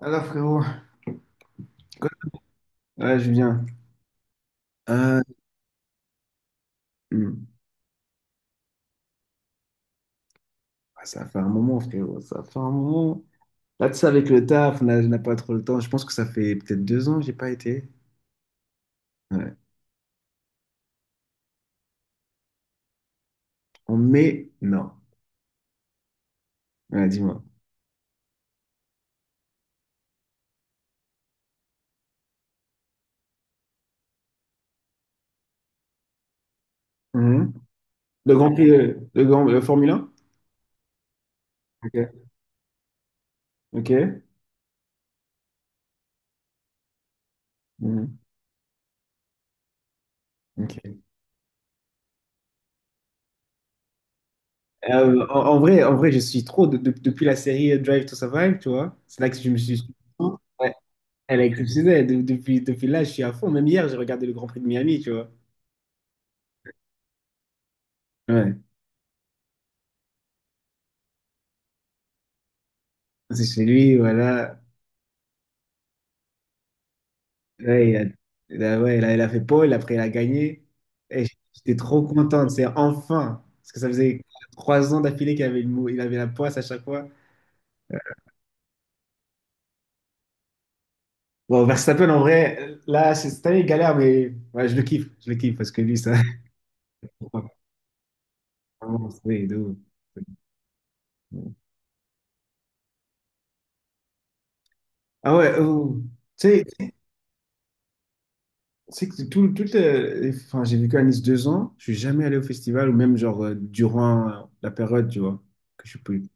Alors frérot, ouais Julien, euh, hmm. Ah, ça fait un moment frérot, ça fait un moment. Là tu sais avec le taf, on n'a pas trop le temps. Je pense que ça fait peut-être 2 ans que j'ai pas été. Ouais. En mai, non. Ouais, dis-moi. Mhm. Le Grand Prix, le Grand, le Formule 1? Ok. Ok. Mhm. Ok. En vrai, je suis trop depuis la série Drive to Survive, tu vois. C'est là que je me suis. Ouais. Elle est exceptionnelle. Depuis là, je suis à fond. Même hier, j'ai regardé le Grand Prix de Miami, tu vois. Ouais. C'est chez lui, voilà. Là, il a, là, ouais, il a fait pole, après il a gagné. Et j'étais trop contente, c'est enfin. Parce que ça faisait 3 ans d'affilée qu'il avait, il avait la poisse à chaque fois. Bon, Verstappen, en vrai, là, cette année, il galère, mais ouais, je le kiffe. Je le kiffe parce que lui, ça. Vraiment, c'est de ouf. Ah ouais, oh. Tu sais que tout, enfin, j'ai vécu à Nice 2 ans, je suis jamais allé au festival ou même genre durant la période, tu vois, que je suis plus.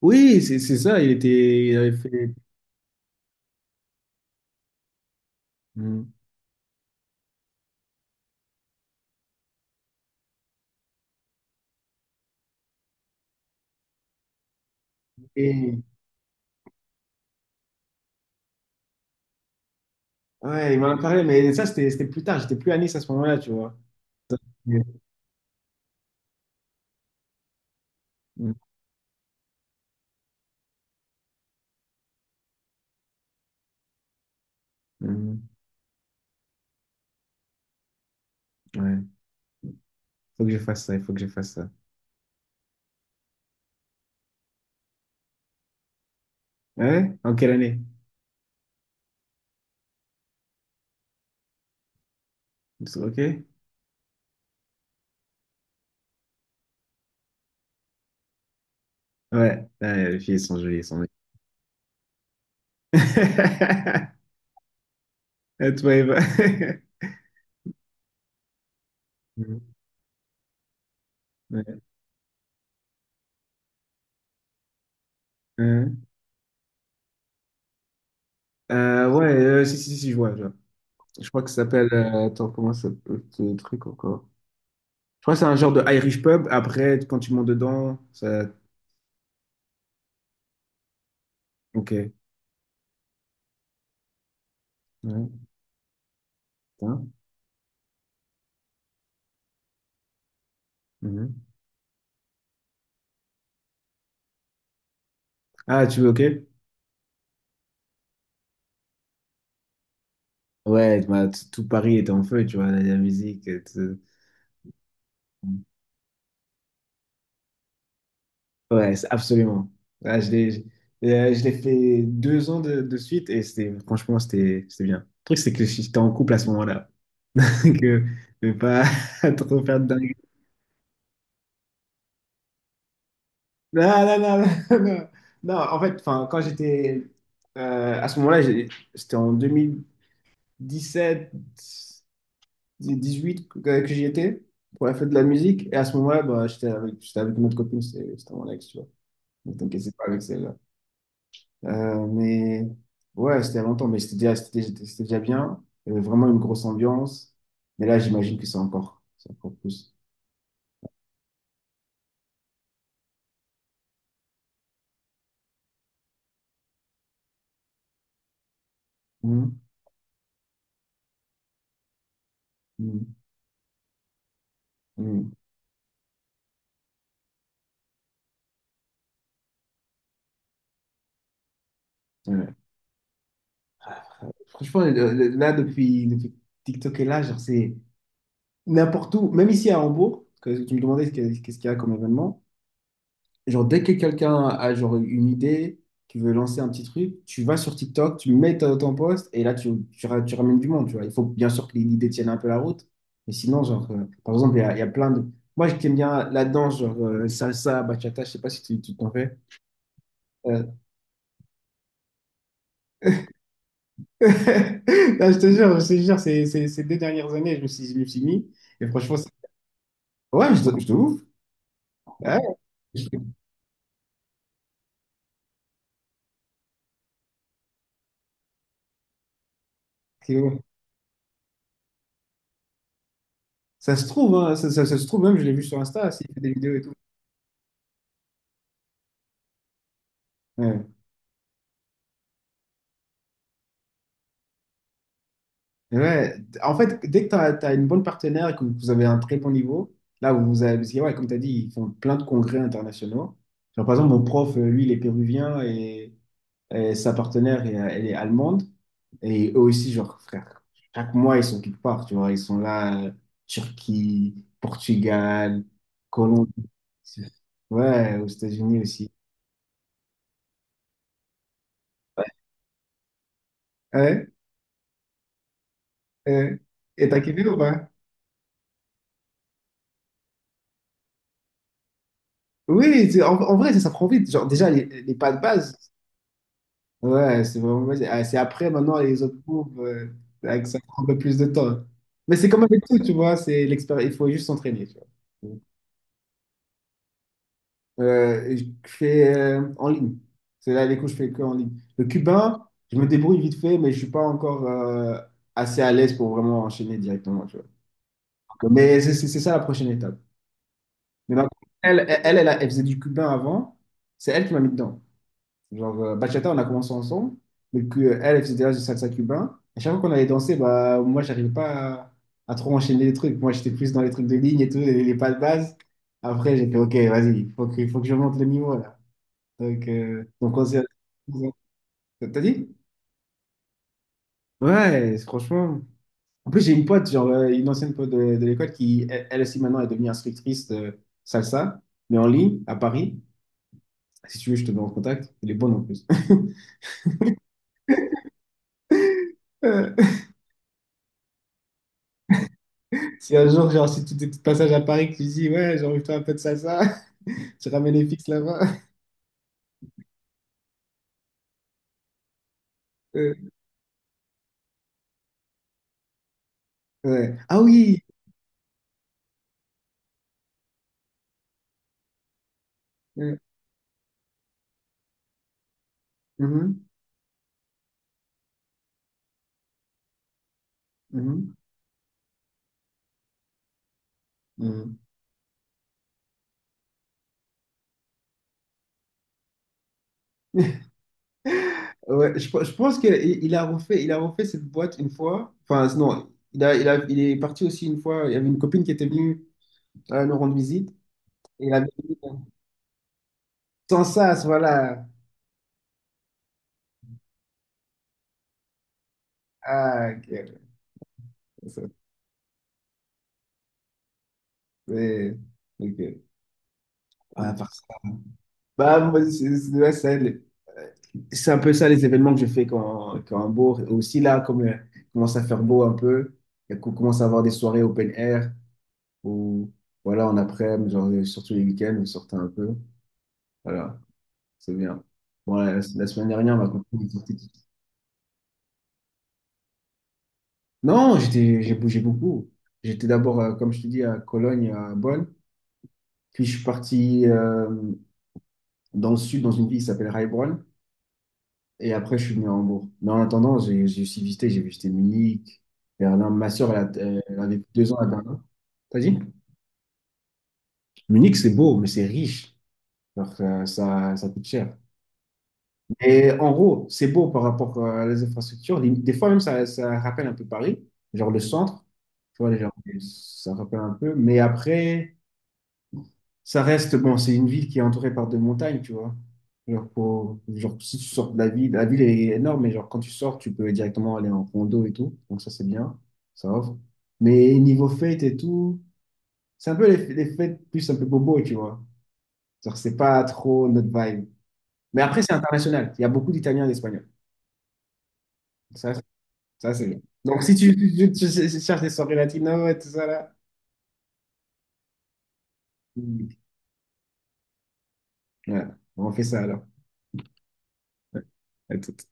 Oui, c'est ça, il était, il avait fait. Mm. et- ouais, il m'en a parlé, mais ça, c'était plus tard, j'étais plus à Nice à ce moment-là, tu vois. Mm. Mm. Mm. Ouais, faut que je fasse ça, il faut que je fasse ça. Ouais? En quelle année? Ok? Ouais, ah, les filles sont jolies, elles sont jolies. Toi, Eva. Mm. Ouais. Hein. Ouais, si, si, si, si, je vois, je vois. Je crois que ça s'appelle. Attends, comment ça s'appelle ce truc encore? Je crois que c'est un genre de Irish pub. Après, quand tu montes dedans, ça. Ok. Ouais. Hein. Mhm. Ah, tu veux, ok? Ouais, bah, tout Paris était en feu, tu vois, la musique. Tout... Ouais, absolument. Ah, je l'ai fait 2 ans de suite et c'était, franchement, c'était bien. Le truc, c'est que j'étais en couple à ce moment-là. Que je vais pas trop faire de dingue. Non, non, non, non, non. Non, en fait, enfin, quand j'étais à ce moment-là, c'était en 2017. 18 que j'y étais pour la fête de la musique. Et à ce moment-là, bah, j'étais avec une autre copine, c'était mon ex, tu vois. Donc t'inquiète, c'est pas avec celle-là. Mais ouais, c'était il y a longtemps, mais c'était déjà bien. Il y avait vraiment une grosse ambiance. Mais là, j'imagine que c'est encore plus. Mhm. Mhm. Mhm. Ouais. Franchement, là, depuis TikTok est là, genre, c'est n'importe où, même ici à Hambourg, que tu me demandais ce qu'est-ce qu'il y a comme événement. Genre, dès que quelqu'un a genre une idée, qui veut lancer un petit truc, tu vas sur TikTok, tu mets ton post et là, tu ramènes du monde, tu vois. Il faut bien sûr que l'idée tienne un peu la route. Mais sinon, genre, par exemple, il y a plein de... Moi, je t'aime bien la danse, genre salsa, bachata, je sais pas si tu t'en fais. Euh, Non, je te jure, ces 2 dernières années, je me suis mis. Et franchement, ouais, je te ouvre. Ouais, je- c'est- ça se trouve, hein, ça se trouve même, je l'ai vu sur Insta, s'il fait des vidéos et tout. Ouais. Ouais, en fait, dès que tu as, une bonne partenaire et que vous avez un très bon niveau, là vous avez, parce que, ouais, comme tu as dit, ils font plein de congrès internationaux. Genre, par exemple, mon prof, lui, il est péruvien et sa partenaire, elle, elle est allemande. Et eux aussi, genre, frère, chaque mois, ils sont quelque part, tu vois, ils sont là, Turquie, Portugal, Colombie, ouais, aux États-Unis aussi. Ouais, ouais. Ouais. Et t'as kiffé ou pas? Oui, en vrai, ça prend vite. Genre, déjà, les pas de base. Ouais, c'est vraiment, c'est ah, c'est après, maintenant, les autres cours, ça prend un peu plus de temps. Mais c'est comme avec tout, tu vois, c'est l'expérience, il faut juste s'entraîner, tu vois. Je fais en ligne. C'est là, les cours, je fais que en ligne. Le cubain, je me débrouille vite fait, mais je suis pas encore assez à l'aise pour vraiment enchaîner directement, tu vois. Mais c'est ça la prochaine étape. Mais elle faisait du cubain avant, c'est elle qui m'a mis dedans. Genre, bachata, on a commencé ensemble, mais que, elle, elle faisait déjà du salsa cubain. À chaque fois qu'on allait danser, bah, moi, j'arrivais pas à trop enchaîner les trucs. Moi, j'étais plus dans les trucs de ligne et tout, les pas de base. Après, j'ai fait, OK, vas-y, il faut que je monte le niveau, là. Donc on s'est... T'as dit? Ouais, franchement. En plus, j'ai une pote, genre, une ancienne pote de l'école qui, elle, elle aussi, maintenant, est devenue instructrice de salsa, mais en ligne, à Paris. Si tu veux, je te mets en contact. Elle est bonne, en plus. Si un jour, genre, si tu es de passage à Paris, que tu dis, ouais, j'ai envie de faire un peu de salsa, tu ramènes les fixes là-bas. Euh, ouais. Ah oui! Euh, mhm, mhm, mhm. Ouais, je pense qu'il il a refait cette boîte une fois. Enfin, non, il est parti aussi une fois. Il y avait une copine qui était venue nous rendre visite. Et il avait dit, sans ça, voilà. Ah, ok. Ça, c'est- ok. Ah, par ça. Bah, moi, ouais, ça, euh, c'est un peu ça les événements que je fais quand il beau. Aussi là, comme il commence à faire beau un peu, et qu'on commence à avoir des soirées open air ou voilà, en après, genre, surtout les week-ends, on sortait un peu. Voilà, c'est bien. Bon, la semaine dernière, ma copine, elle sortait... Non, j'étais, j'ai bougé beaucoup. J'étais d'abord, comme je te dis, à Cologne, à Bonn. Puis je suis parti dans le sud, dans une ville qui s'appelle Heilbronn. Et après, je suis venu à Hambourg. Mais en attendant, j'ai aussi visité, j'ai visité Munich, Berlin. Ma sœur, elle a vécu 2 ans à Berlin. T'as dit? Munich, c'est beau, mais c'est riche. Alors, ça coûte cher. Et en gros, c'est beau par rapport à les infrastructures. Des fois, même, ça rappelle un peu Paris, genre le centre. Tu vois, genre, ça rappelle un peu. Mais après, ça reste, bon, c'est une ville qui est entourée par 2 montagnes, tu vois. Genre, genre, si tu sors de la ville est énorme, mais genre, quand tu sors, tu peux directement aller en condo et tout. Donc, ça, c'est bien. Ça offre. Mais niveau fête et tout, c'est un peu les fêtes plus un peu bobo, tu vois. Genre, c'est pas trop notre vibe. Mais après, c'est international. Il y a beaucoup d'Italiens et d'Espagnols. Ça, ça c'est bien. Donc, si tu cherches des soirées latino et tout ça, là, hmm, ouais, on fait ça alors. Ouais. À tout.